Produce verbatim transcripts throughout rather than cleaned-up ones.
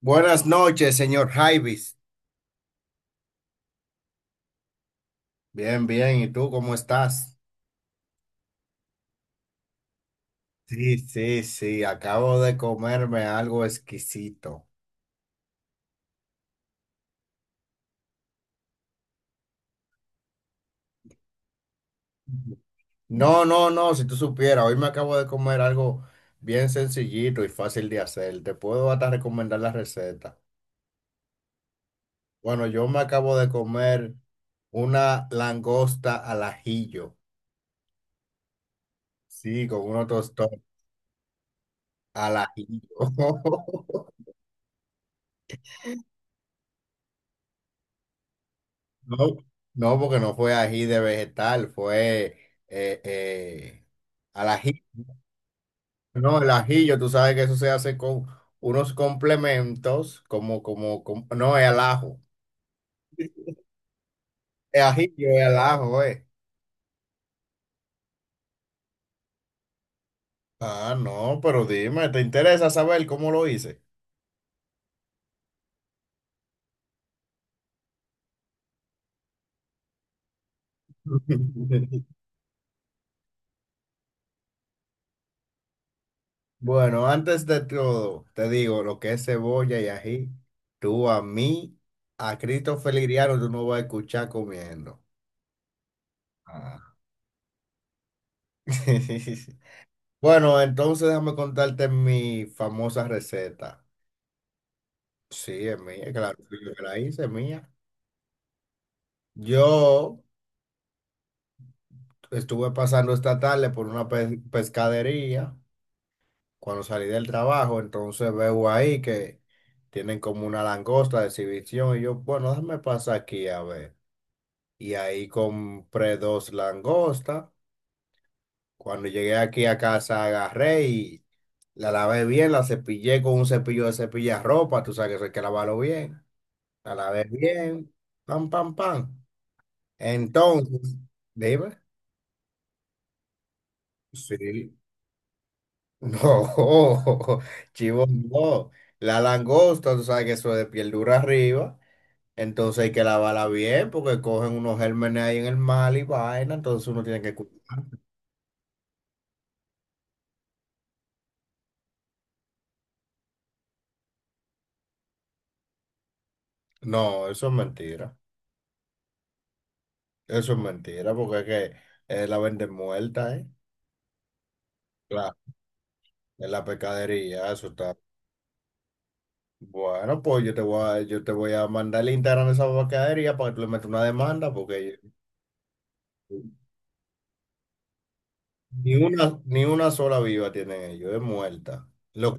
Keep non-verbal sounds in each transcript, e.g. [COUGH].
Buenas noches, señor Jaivis. Bien, bien. ¿Y tú cómo estás? Sí, sí, sí. Acabo de comerme algo exquisito. No, no, no. Si tú supieras, hoy me acabo de comer algo bien sencillito y fácil de hacer. Te puedo hasta recomendar la receta. Bueno, yo me acabo de comer una langosta al ajillo. Sí, con unos tostones al ajillo. [LAUGHS] No, no, porque no fue ají de vegetal, fue eh, eh, al ají. No, el ajillo, tú sabes que eso se hace con unos complementos, como, como, como- no, es al ajo. Es ajillo, es al ajo, eh. Ah, no, pero dime, ¿te interesa saber cómo lo hice? [LAUGHS] Bueno, antes de todo, te digo, lo que es cebolla y ají, tú a mí, a Cristo Feliriano, tú no vas a escuchar comiendo. Ah. [LAUGHS] Bueno, entonces déjame contarte mi famosa receta. Sí, es mía, claro, fui yo que la hice, es mía. Yo estuve pasando esta tarde por una pe- pescadería cuando salí del trabajo, entonces veo ahí que tienen como una langosta de exhibición y yo, bueno, déjame pasar aquí a ver. Y ahí compré dos langostas. Cuando llegué aquí a casa agarré y la lavé bien, la cepillé con un cepillo de cepillar ropa, tú sabes que eso hay que lavarlo bien. A la vez bien. Pam, pam, pam. Entonces, dime. Sí. No, [LAUGHS] chivo, no. La langosta, tú sabes que eso es de piel dura arriba. Entonces hay que lavarla bien porque cogen unos gérmenes ahí en el mar y vaina. Entonces uno tiene que... cu- No, eso es mentira. Eso es mentira porque es que eh, la venden muerta, ¿eh? Claro, en la pescadería, eso está. Bueno, pues yo te voy a, yo te voy a mandar el Instagram de esa pescadería para que tú le metas una demanda porque ni una, ni una sola viva tienen ellos, es muerta. Lo,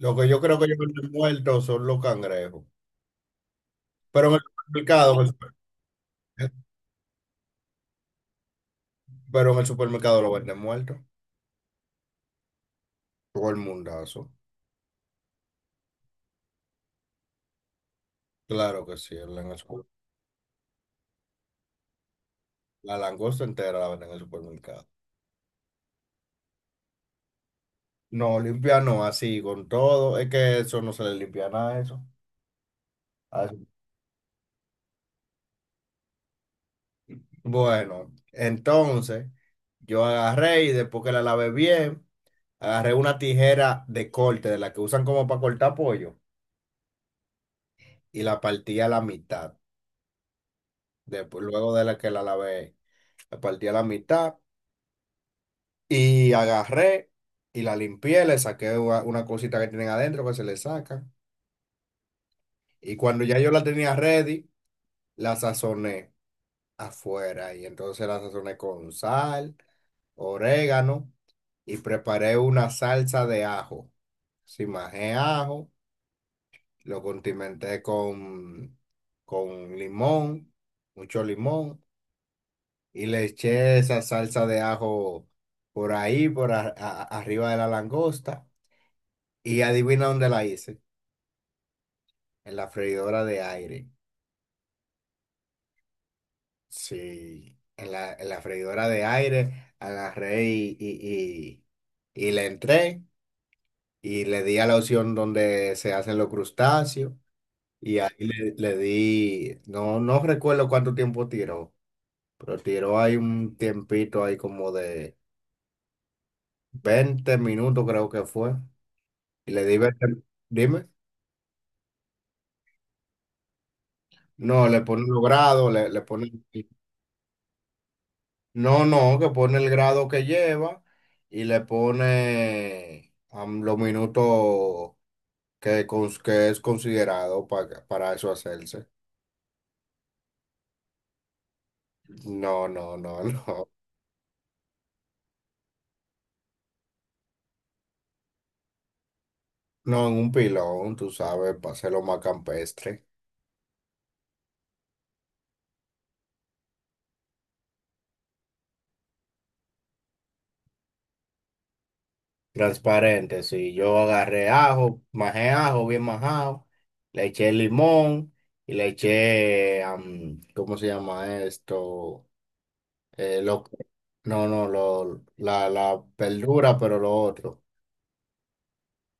lo que yo creo que ellos venden muertos son los cangrejos. Pero en el supermercado, en el pero en el supermercado lo venden muerto. Todo el mundazo. Claro que sí, en el super- la langosta entera la venden en el supermercado. No, limpia no, así con todo. Es que eso no se le limpia nada a eso. A eso. Bueno, entonces yo agarré y después que la lavé bien, agarré una tijera de corte de la que usan como para cortar pollo y la partí a la mitad. Después, luego de la que la lavé, la partí a la mitad y agarré y la limpié, le saqué una, una cosita que tienen adentro que se le saca. Y cuando ya yo la tenía ready, la sazoné afuera y entonces la sazoné con sal, orégano y preparé una salsa de ajo. Simajé ajo, lo condimenté con, con limón, mucho limón y le eché esa salsa de ajo por ahí, por a- a- arriba de la langosta. Y adivina dónde la hice. En la freidora de aire. Sí, en la, en la freidora de aire agarré y, y, y, y le entré y le di a la opción donde se hacen los crustáceos. Y ahí le, le di, no, no recuerdo cuánto tiempo tiró, pero tiró ahí un tiempito ahí como de veinte minutos creo que fue. Y le debe, dime, no, le pone los grados, le, le pone, no, no, que pone el grado que lleva y le pone am, los minutos que, cons- que es considerado para, para eso hacerse. No, no, no, [LAUGHS] no, no, en un pilón, tú sabes, para hacerlo más campestre. Transparente, sí, yo agarré ajo, majé ajo, bien majado, le eché limón y le eché, am, ¿cómo se llama esto? Eh, lo, no, no, lo, la, la verdura, pero lo otro.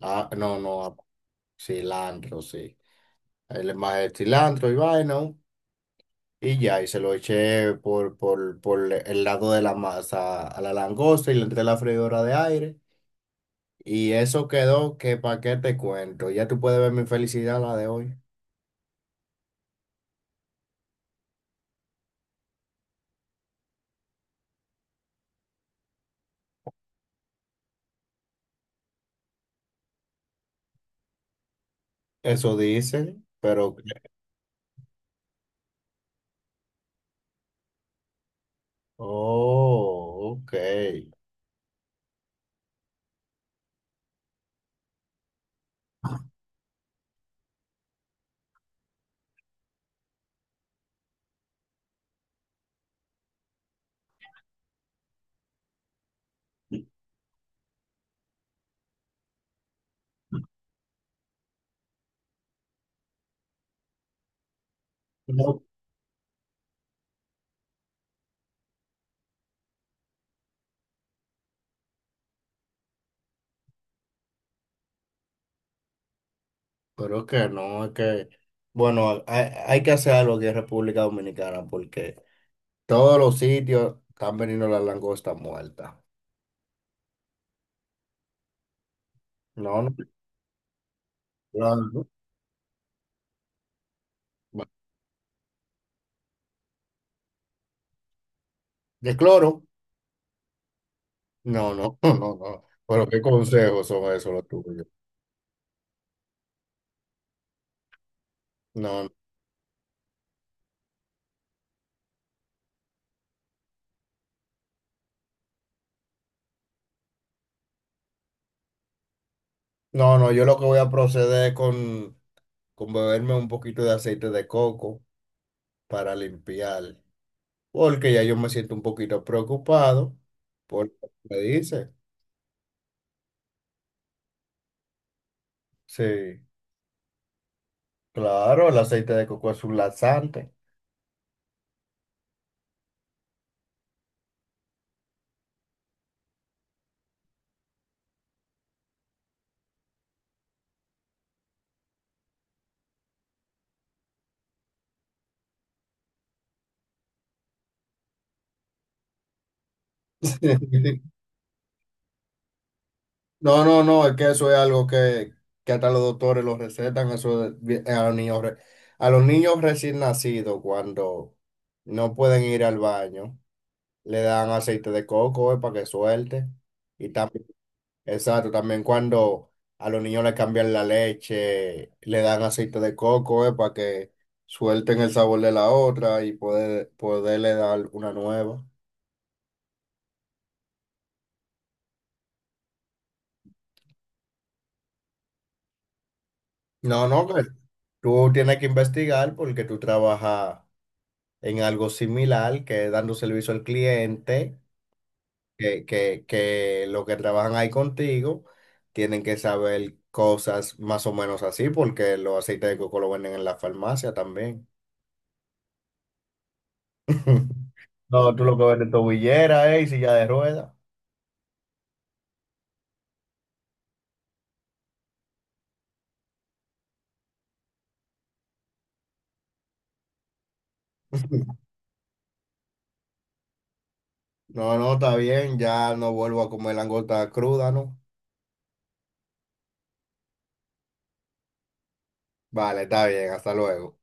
Ah, no, no, ah, cilantro, sí. El, más el cilantro y vaina. Y ya, y se lo eché por, por, por el lado de la masa a la langosta y le entré la freidora de aire. Y eso quedó que pa' qué te cuento. Ya tú puedes ver mi felicidad la de hoy. Eso dicen, pero... Oh, ok. No, pero es que no, es que, bueno, hay, hay que hacer algo aquí en República Dominicana porque todos los sitios están veniendo las langostas muertas. No, no, no, no. Bueno, ¿de cloro? No, no, [LAUGHS] no, no. Pero qué consejos son esos los tuyos. No, no, no, no, yo lo que voy a proceder es con, con beberme un poquito de aceite de coco para limpiar, porque ya yo me siento un poquito preocupado por lo que me dice. Sí, claro, el aceite de coco es un laxante. [LAUGHS] No, no, no, es que eso es algo que, que hasta los doctores lo recetan, eso es bien- a los niños, re- a los niños recién nacidos cuando no pueden ir al baño, le dan aceite de coco eh, para que suelte. Y también, exacto, también cuando a los niños le cambian la leche, le dan aceite de coco eh, para que suelten el sabor de la otra y poder, poderle dar una nueva. No, no, que tú tienes que investigar porque tú trabajas en algo similar, que es dando servicio al cliente, que, que, que los que trabajan ahí contigo tienen que saber cosas más o menos así, porque los aceites de coco lo venden en la farmacia también. [LAUGHS] No, tú lo que vendes es tobillera, eh, y silla de ruedas. No, no, está bien, ya no vuelvo a comer langosta cruda, ¿no? Vale, está bien, hasta luego.